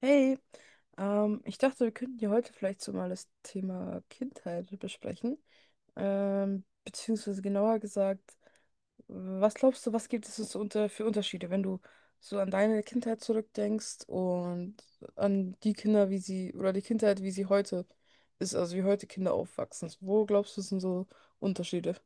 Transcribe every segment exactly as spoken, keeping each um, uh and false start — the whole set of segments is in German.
Hey, ähm, ich dachte, wir könnten ja heute vielleicht so mal das Thema Kindheit besprechen. Ähm, beziehungsweise genauer gesagt, was glaubst du, was gibt es so unter, für Unterschiede, wenn du so an deine Kindheit zurückdenkst und an die Kinder, wie sie, oder die Kindheit, wie sie heute ist, also wie heute Kinder aufwachsen? Wo glaubst du, sind so Unterschiede?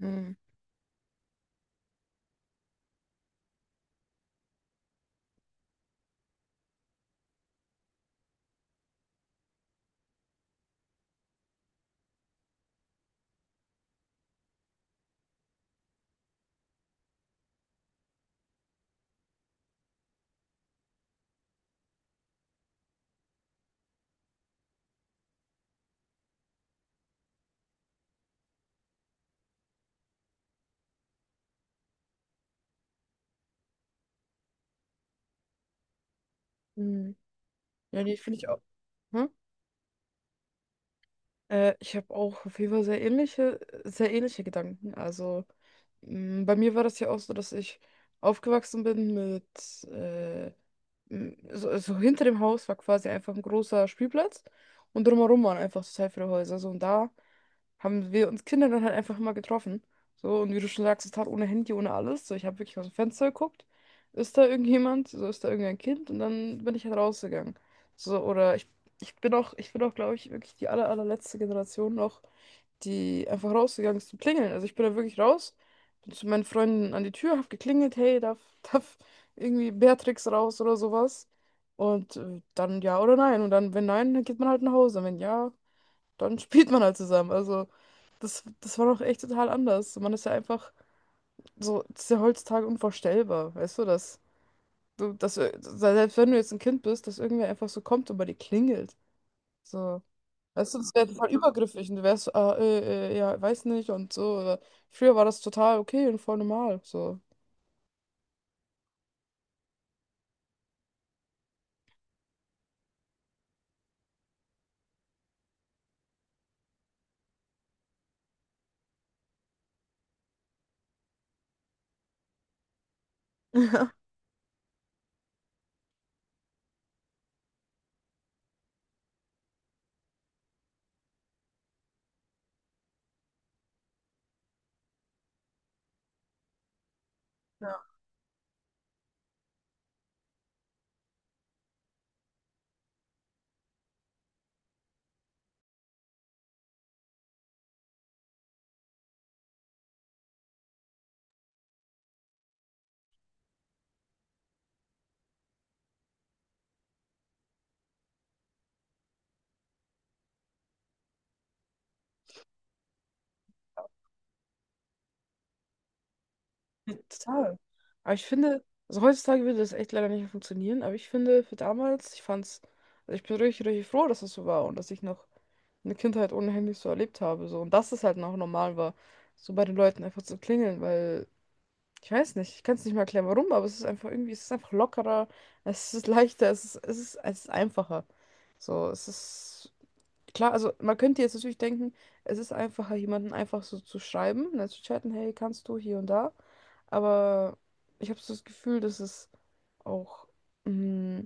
Hm. Hm. Ja, die finde ich auch. Äh, ich habe auch auf jeden Fall sehr ähnliche, sehr ähnliche Gedanken. Also m, bei mir war das ja auch so, dass ich aufgewachsen bin mit äh, m, so, so hinter dem Haus war quasi einfach ein großer Spielplatz und drumherum waren einfach total viele Häuser. So, und da haben wir uns Kinder dann halt einfach immer getroffen. So, und wie du schon sagst, total ohne Handy, ohne alles. So, ich habe wirklich aus dem Fenster geguckt. Ist da irgendjemand? So, ist da irgendein Kind? Und dann bin ich halt rausgegangen. So, oder ich ich bin auch, ich bin auch, glaube ich, wirklich die aller, allerletzte Generation noch, die einfach rausgegangen ist zum Klingeln. Also ich bin da wirklich raus, bin zu meinen Freunden an die Tür, hab geklingelt, hey, darf, darf irgendwie Beatrix raus oder sowas. Und äh, dann ja oder nein. Und dann, wenn nein, dann geht man halt nach Hause. Und wenn ja, dann spielt man halt zusammen. Also das, das war noch echt total anders. Man ist ja einfach so, das ist ja heutzutage unvorstellbar, weißt du, dass du, dass, wir- selbst wenn du jetzt ein Kind bist, dass irgendwer einfach so kommt und bei dir klingelt. So. Weißt du, das wäre total übergriffig und du wärst so, ah, äh, äh, ja, weiß nicht und so. Oder früher war das total okay und voll normal. So. Ja. Ja, total. Aber ich finde, also heutzutage würde das echt leider nicht mehr funktionieren, aber ich finde, für damals, ich fand's, also ich bin richtig, richtig froh, dass das so war und dass ich noch eine Kindheit ohne Handys so erlebt habe. So. Und dass es halt noch normal war, so bei den Leuten einfach zu klingeln, weil ich weiß nicht, ich kann es nicht mal erklären, warum, aber es ist einfach irgendwie, es ist einfach lockerer, es ist leichter, es ist, es ist, es ist einfacher. So, es ist klar, also man könnte jetzt natürlich denken, es ist einfacher, jemanden einfach so zu schreiben, ne, zu chatten, hey, kannst du hier und da. Aber ich habe so das Gefühl, dass es auch, mh,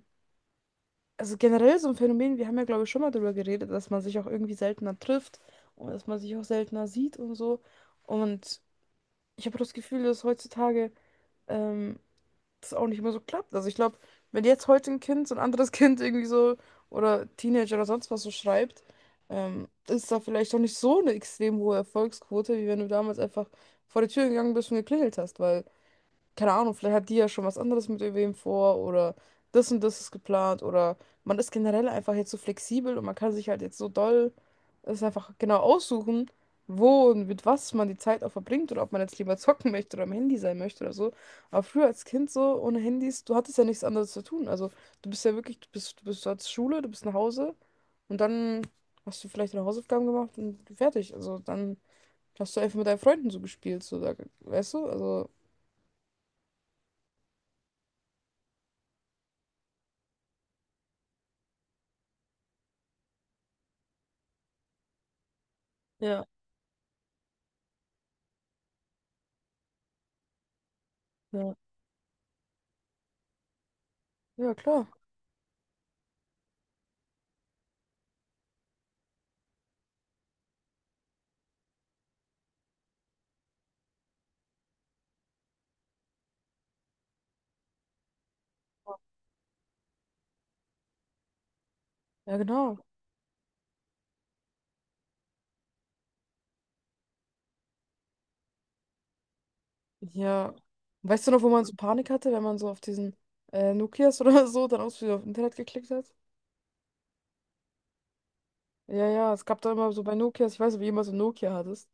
also generell so ein Phänomen, wir haben ja, glaube ich, schon mal darüber geredet, dass man sich auch irgendwie seltener trifft und dass man sich auch seltener sieht und so. Und ich habe das Gefühl, dass heutzutage. Ähm, das auch nicht mehr so klappt. Also ich glaube, wenn jetzt heute ein Kind so ein anderes Kind irgendwie so oder Teenager oder sonst was so schreibt, ähm, ist da vielleicht auch nicht so eine extrem hohe Erfolgsquote, wie wenn du damals einfach vor die Tür gegangen bist und geklingelt hast, weil keine Ahnung, vielleicht hat die ja schon was anderes mit irgendwem vor oder das und das ist geplant oder man ist generell einfach jetzt so flexibel und man kann sich halt jetzt so doll es einfach genau aussuchen, wo und mit was man die Zeit auch verbringt oder ob man jetzt lieber zocken möchte oder am Handy sein möchte oder so. Aber früher als Kind so ohne Handys, du hattest ja nichts anderes zu tun. Also du bist ja wirklich, du bist, du bist, du Schule, du bist nach Hause und dann hast du vielleicht deine Hausaufgaben gemacht und fertig. Also dann hast du einfach mit deinen Freunden so gespielt, so da, weißt du? Also ja. Ja, klar. Ja, genau. Ja. Weißt du noch, wo man so Panik hatte, wenn man so auf diesen äh, Nokias oder so dann aus auf Internet geklickt hat? Ja, ja, es gab da immer so bei Nokias, ich weiß nicht, wie immer so ein Nokia hattest.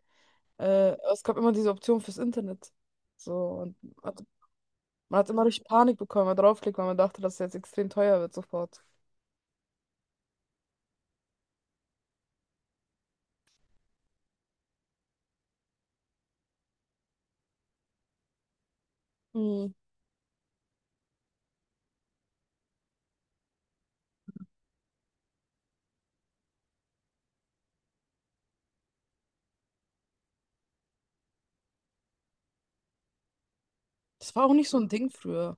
Äh, es gab immer diese Option fürs Internet. So, und man hat, man hat immer richtig Panik bekommen, wenn man draufklickt, weil man dachte, dass es jetzt extrem teuer wird sofort. Mhm. Das war auch nicht so ein Ding früher.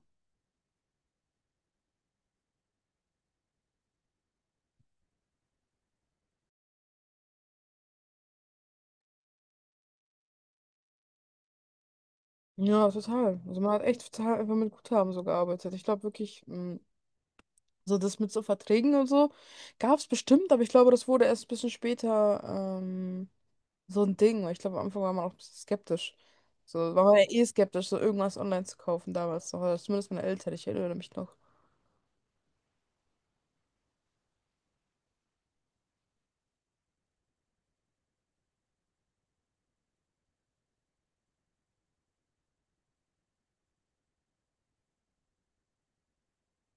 Ja, total. Also man hat echt total einfach mit Guthaben so gearbeitet. Ich glaube wirklich, mh, also das mit so Verträgen und so gab es bestimmt, aber ich glaube, das wurde erst ein bisschen später ähm, so ein Ding. Weil ich glaube, am Anfang war man auch ein bisschen skeptisch. So, war man ja eh skeptisch, so irgendwas online zu kaufen damals noch. Oder zumindest meine Eltern, ich erinnere mich noch.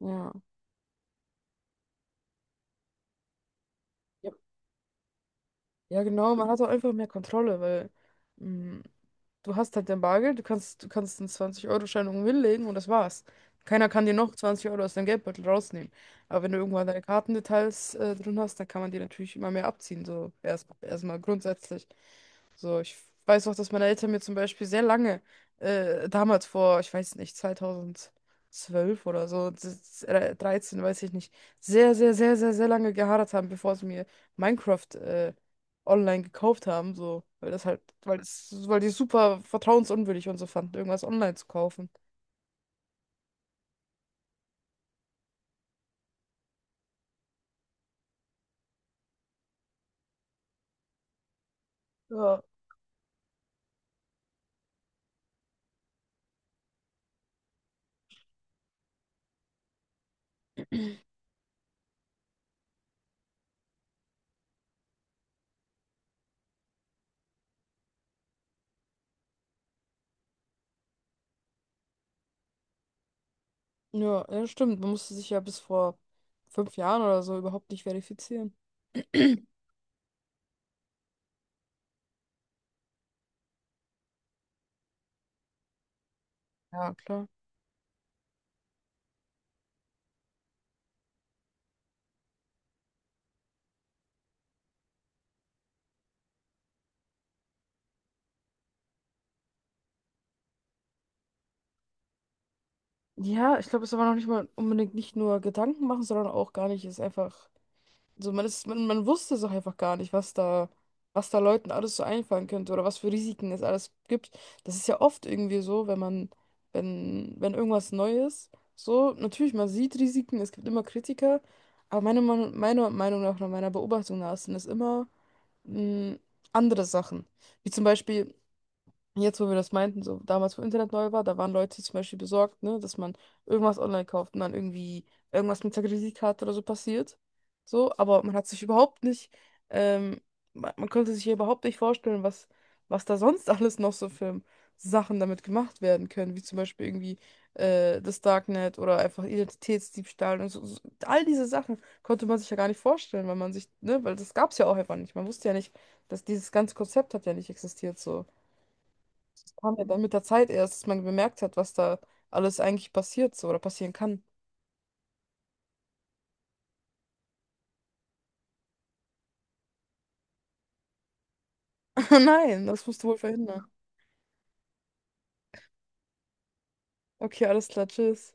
Ja. Ja, ja, genau, man hat auch einfach mehr Kontrolle, weil mm, du hast halt dein Bargeld, du kannst, du kannst einen zwanzig-Euro-Schein irgendwo hinlegen und das war's. Keiner kann dir noch zwanzig Euro aus deinem Geldbeutel rausnehmen. Aber wenn du irgendwann deine Kartendetails äh, drin hast, dann kann man dir natürlich immer mehr abziehen. So erst erstmal grundsätzlich. So, ich weiß auch, dass meine Eltern mir zum Beispiel sehr lange, äh, damals vor, ich weiß nicht, zweitausendzwölf oder so, das- äh, dreizehn, weiß ich nicht, sehr, sehr, sehr, sehr, sehr lange geharrt haben, bevor sie mir Minecraft, äh, online gekauft haben, so, weil das halt, weil das, weil die super vertrauensunwürdig und so fanden, irgendwas online zu kaufen. Ja. Ja, ja, stimmt. Man musste sich ja bis vor fünf Jahren oder so überhaupt nicht verifizieren. Ja, klar. Ja, ich glaube, es ist aber noch nicht mal unbedingt nicht nur Gedanken machen, sondern auch gar nicht, es einfach. So, man ist, man, man wusste es auch einfach gar nicht, was da, was da Leuten alles so einfallen könnte oder was für Risiken es alles gibt. Das ist ja oft irgendwie so, wenn man, wenn, wenn irgendwas Neues, so, natürlich, man sieht Risiken, es gibt immer Kritiker, aber meiner Meinung, meiner Meinung nach, nach meiner Beobachtung nach, sind es immer mh, andere Sachen. Wie zum Beispiel, jetzt, wo wir das meinten, so damals, wo Internet neu war, da waren Leute zum Beispiel besorgt, ne, dass man irgendwas online kauft und dann irgendwie irgendwas mit der Kreditkarte oder so passiert. So, aber man hat sich überhaupt nicht, ähm, man, man konnte sich hier überhaupt nicht vorstellen, was, was da sonst alles noch so für Sachen damit gemacht werden können, wie zum Beispiel irgendwie äh, das Darknet oder einfach Identitätsdiebstahl und so, so. All diese Sachen konnte man sich ja gar nicht vorstellen, weil man sich, ne, weil das gab es ja auch einfach nicht. Man wusste ja nicht, dass dieses ganze Konzept hat ja nicht existiert, so kam ja dann mit der Zeit erst, dass man bemerkt hat, was da alles eigentlich passiert so oder passieren kann. Nein, das musst du wohl verhindern. Okay, alles klar, tschüss.